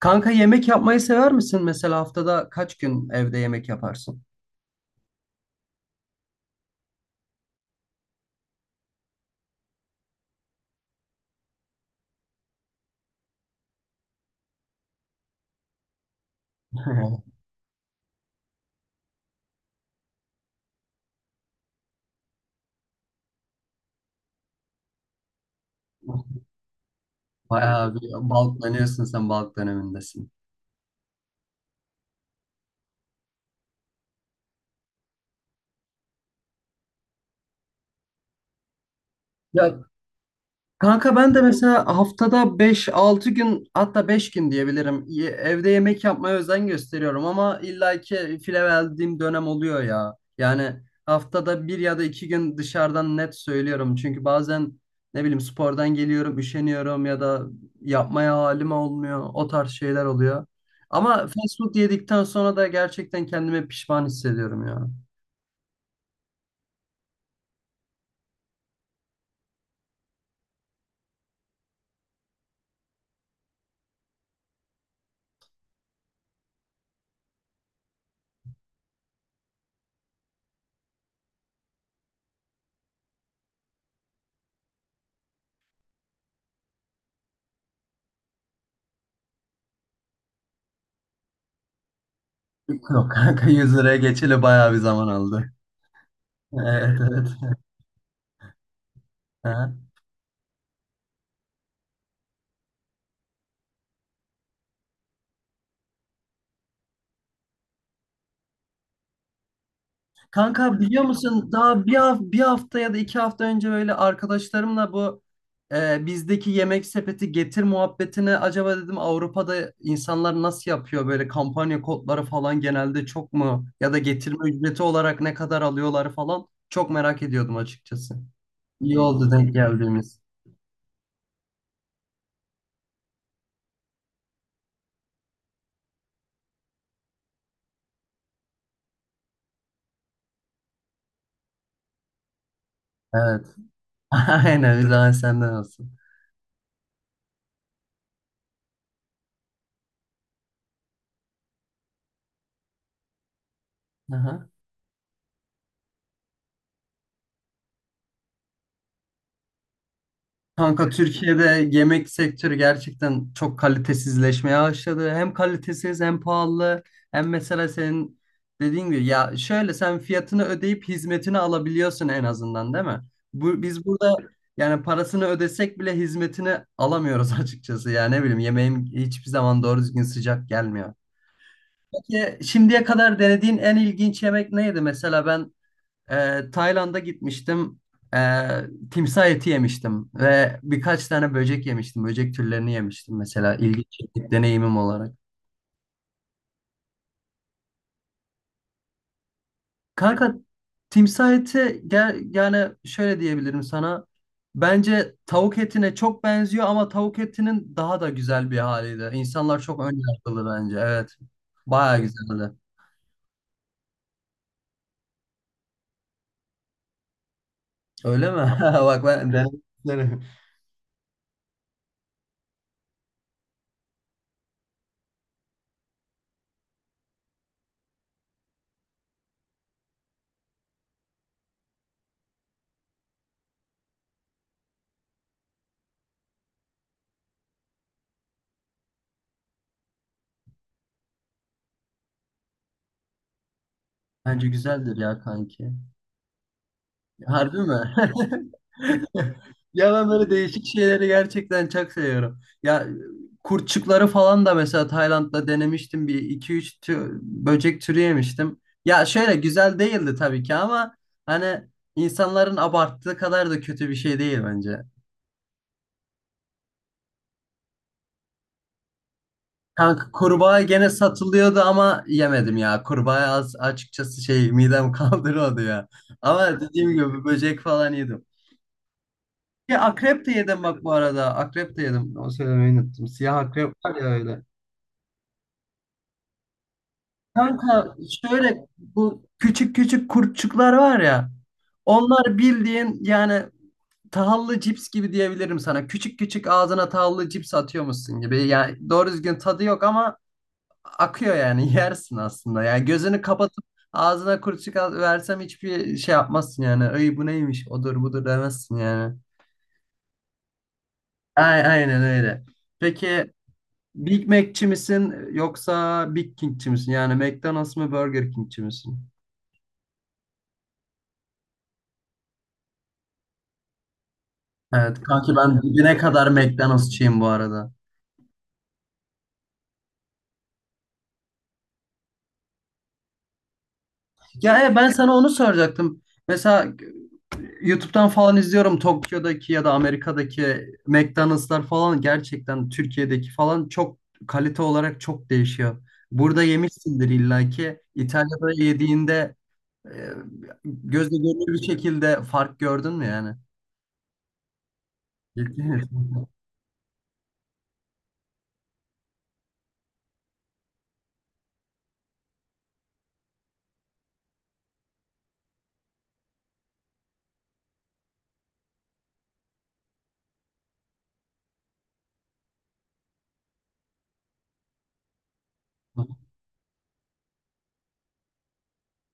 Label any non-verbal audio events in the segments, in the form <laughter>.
Kanka, yemek yapmayı sever misin? Mesela haftada kaç gün evde yemek yaparsın? <laughs> Bayağı bir balklanıyorsun, sen balk dönemindesin. Ya kanka, ben de mesela haftada 5-6 gün, hatta 5 gün diyebilirim. Evde yemek yapmaya özen gösteriyorum, ama illaki file verdiğim dönem oluyor ya. Yani haftada bir ya da 2 gün dışarıdan, net söylüyorum. Çünkü bazen ne bileyim spordan geliyorum, üşeniyorum ya da yapmaya halim olmuyor. O tarz şeyler oluyor. Ama fast food yedikten sonra da gerçekten kendimi pişman hissediyorum ya. Yok kanka, 100 liraya geçeli bayağı bir zaman aldı. <laughs> Evet, evet. <laughs> Kanka, biliyor musun, daha bir hafta ya da 2 hafta önce böyle arkadaşlarımla bu bizdeki yemek sepeti getir muhabbetine, acaba dedim, Avrupa'da insanlar nasıl yapıyor, böyle kampanya kodları falan genelde çok mu ya da getirme ücreti olarak ne kadar alıyorlar falan, çok merak ediyordum açıkçası. İyi oldu denk geldiğimiz. Evet. <laughs> Aynen, bir daha senden olsun. Aha. Kanka, Türkiye'de yemek sektörü gerçekten çok kalitesizleşmeye başladı. Hem kalitesiz hem pahalı, hem mesela senin dediğin gibi, ya şöyle, sen fiyatını ödeyip hizmetini alabiliyorsun en azından, değil mi? Biz burada yani parasını ödesek bile hizmetini alamıyoruz <laughs> açıkçası. Yani ne bileyim, yemeğim hiçbir zaman doğru düzgün sıcak gelmiyor. Peki, şimdiye kadar denediğin en ilginç yemek neydi? Mesela ben Tayland'a gitmiştim. Ee, timsah eti yemiştim ve birkaç tane böcek yemiştim. Böcek türlerini yemiştim mesela, ilginç bir deneyimim olarak. Kanka, timsah eti yani şöyle diyebilirim sana. Bence tavuk etine çok benziyor ama tavuk etinin daha da güzel bir haliydi. İnsanlar çok ön yargılı bence. Evet. Bayağı güzeldi. Öyle mi? <laughs> Bak, ben- bence güzeldir ya, kanki. Harbi mi? <laughs> Ya, ben böyle değişik şeyleri gerçekten çok seviyorum. Ya, kurtçukları falan da mesela Tayland'da denemiştim. Bir iki üç böcek türü yemiştim. Ya şöyle, güzel değildi tabii ki ama hani insanların abarttığı kadar da kötü bir şey değil bence. Kanka, kurbağa gene satılıyordu ama yemedim ya. Kurbağa az açıkçası, şey, midem <laughs> kaldırıyordu ya. Ama dediğim gibi böcek falan yedim. Ya, akrep de yedim bak bu arada. Akrep de yedim. Onu söylemeyi unuttum. Siyah akrep var ya, öyle. Kanka şöyle, bu küçük küçük kurtçuklar var ya. Onlar bildiğin yani tahıllı cips gibi diyebilirim sana. Küçük küçük ağzına tahıllı cips atıyormuşsun gibi. Yani doğru düzgün tadı yok ama akıyor yani, <laughs> yersin aslında. Yani gözünü kapatıp ağzına kurtçuk versem hiçbir şey yapmazsın yani. Ay, bu neymiş, odur budur demezsin yani. Aynen öyle. Peki, Big Mac'çi misin yoksa Big King'çi misin? Yani McDonald's mı Burger King'çi misin? Evet kanki, ben dibine kadar McDonald'sçıyım bu arada. Ya, ben sana onu soracaktım. Mesela YouTube'dan falan izliyorum, Tokyo'daki ya da Amerika'daki McDonald'slar falan gerçekten Türkiye'deki falan çok, kalite olarak çok değişiyor. Burada yemişsindir illaki. İtalya'da yediğinde e, gözle görülür bir şekilde fark gördün mü yani? <laughs> Ciddi misin?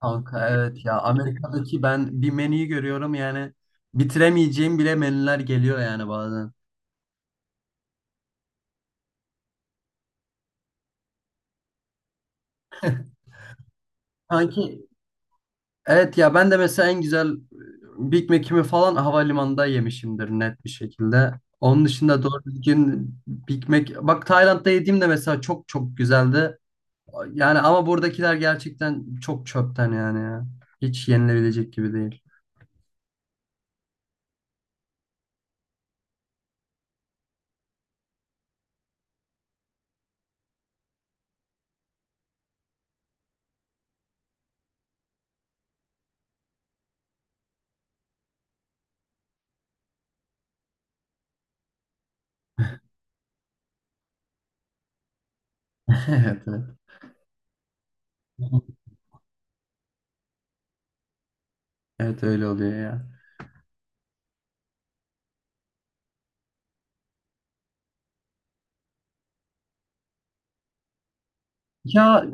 Kanka evet ya, Amerika'daki, ben bir menüyü görüyorum yani bitiremeyeceğim bile menüler geliyor yani bazen. Sanki, evet ya, ben de mesela en güzel Big Mac'imi falan havalimanında yemişimdir, net bir şekilde. Onun dışında doğru düzgün Big Mac, bak Tayland'da yediğim de mesela çok çok güzeldi. Yani ama buradakiler gerçekten çok çöpten yani ya. Hiç yenilebilecek gibi değil. <laughs> Evet, evet. Evet, öyle oluyor ya. Ya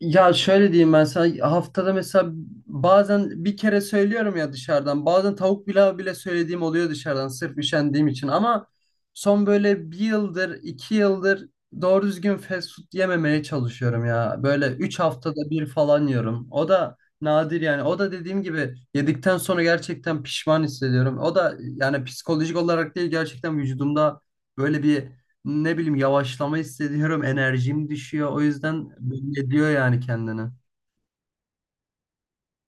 Ya şöyle diyeyim ben sana, haftada mesela bazen bir kere söylüyorum ya dışarıdan, bazen tavuk pilav bile söylediğim oluyor dışarıdan sırf üşendiğim için, ama son böyle bir yıldır 2 yıldır doğru düzgün fast food yememeye çalışıyorum ya, böyle 3 haftada bir falan yiyorum, o da nadir yani, o da dediğim gibi yedikten sonra gerçekten pişman hissediyorum, o da yani psikolojik olarak değil, gerçekten vücudumda böyle bir, ne bileyim, yavaşlama hissediyorum, enerjim düşüyor. O yüzden belli ediyor yani kendini.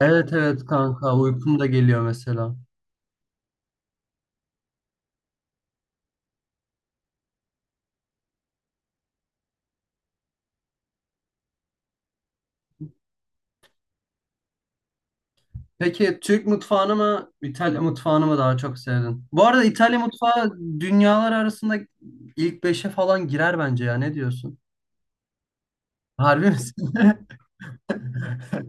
Evet, evet kanka, uykum da geliyor mesela. Peki Türk mutfağını mı İtalya mutfağını mı daha çok sevdin? Bu arada İtalya mutfağı dünyalar arasında ilk beşe falan girer bence, ya ne diyorsun? Harbi misin? <laughs>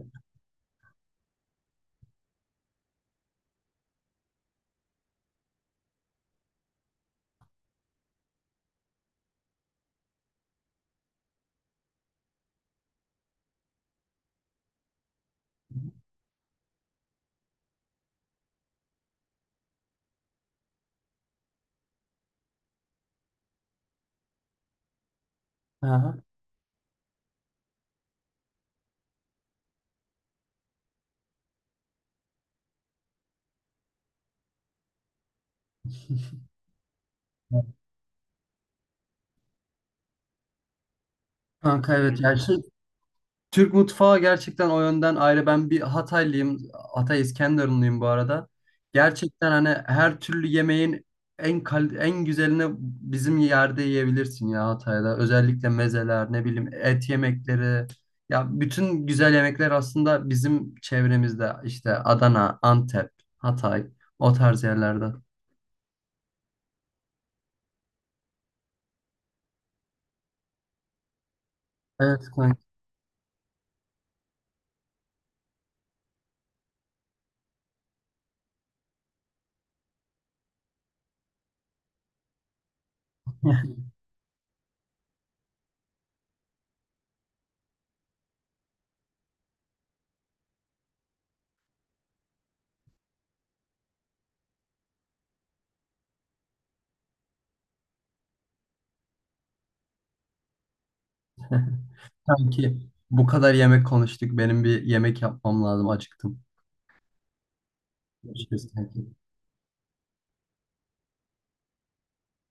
Aha. Kanka evet ya, şey, Türk mutfağı gerçekten o yönden ayrı. Ben bir Hataylıyım. Hatay İskenderunluyum bu arada. Gerçekten hani her türlü yemeğin en güzelini bizim yerde yiyebilirsin ya, Hatay'da. Özellikle mezeler, ne bileyim, et yemekleri. Ya, bütün güzel yemekler aslında bizim çevremizde, işte Adana, Antep, Hatay, o tarz yerlerde. Evet kanki. <laughs> Kanki, bu kadar yemek konuştuk. Benim bir yemek yapmam lazım. Acıktım. Görüşürüz kanki.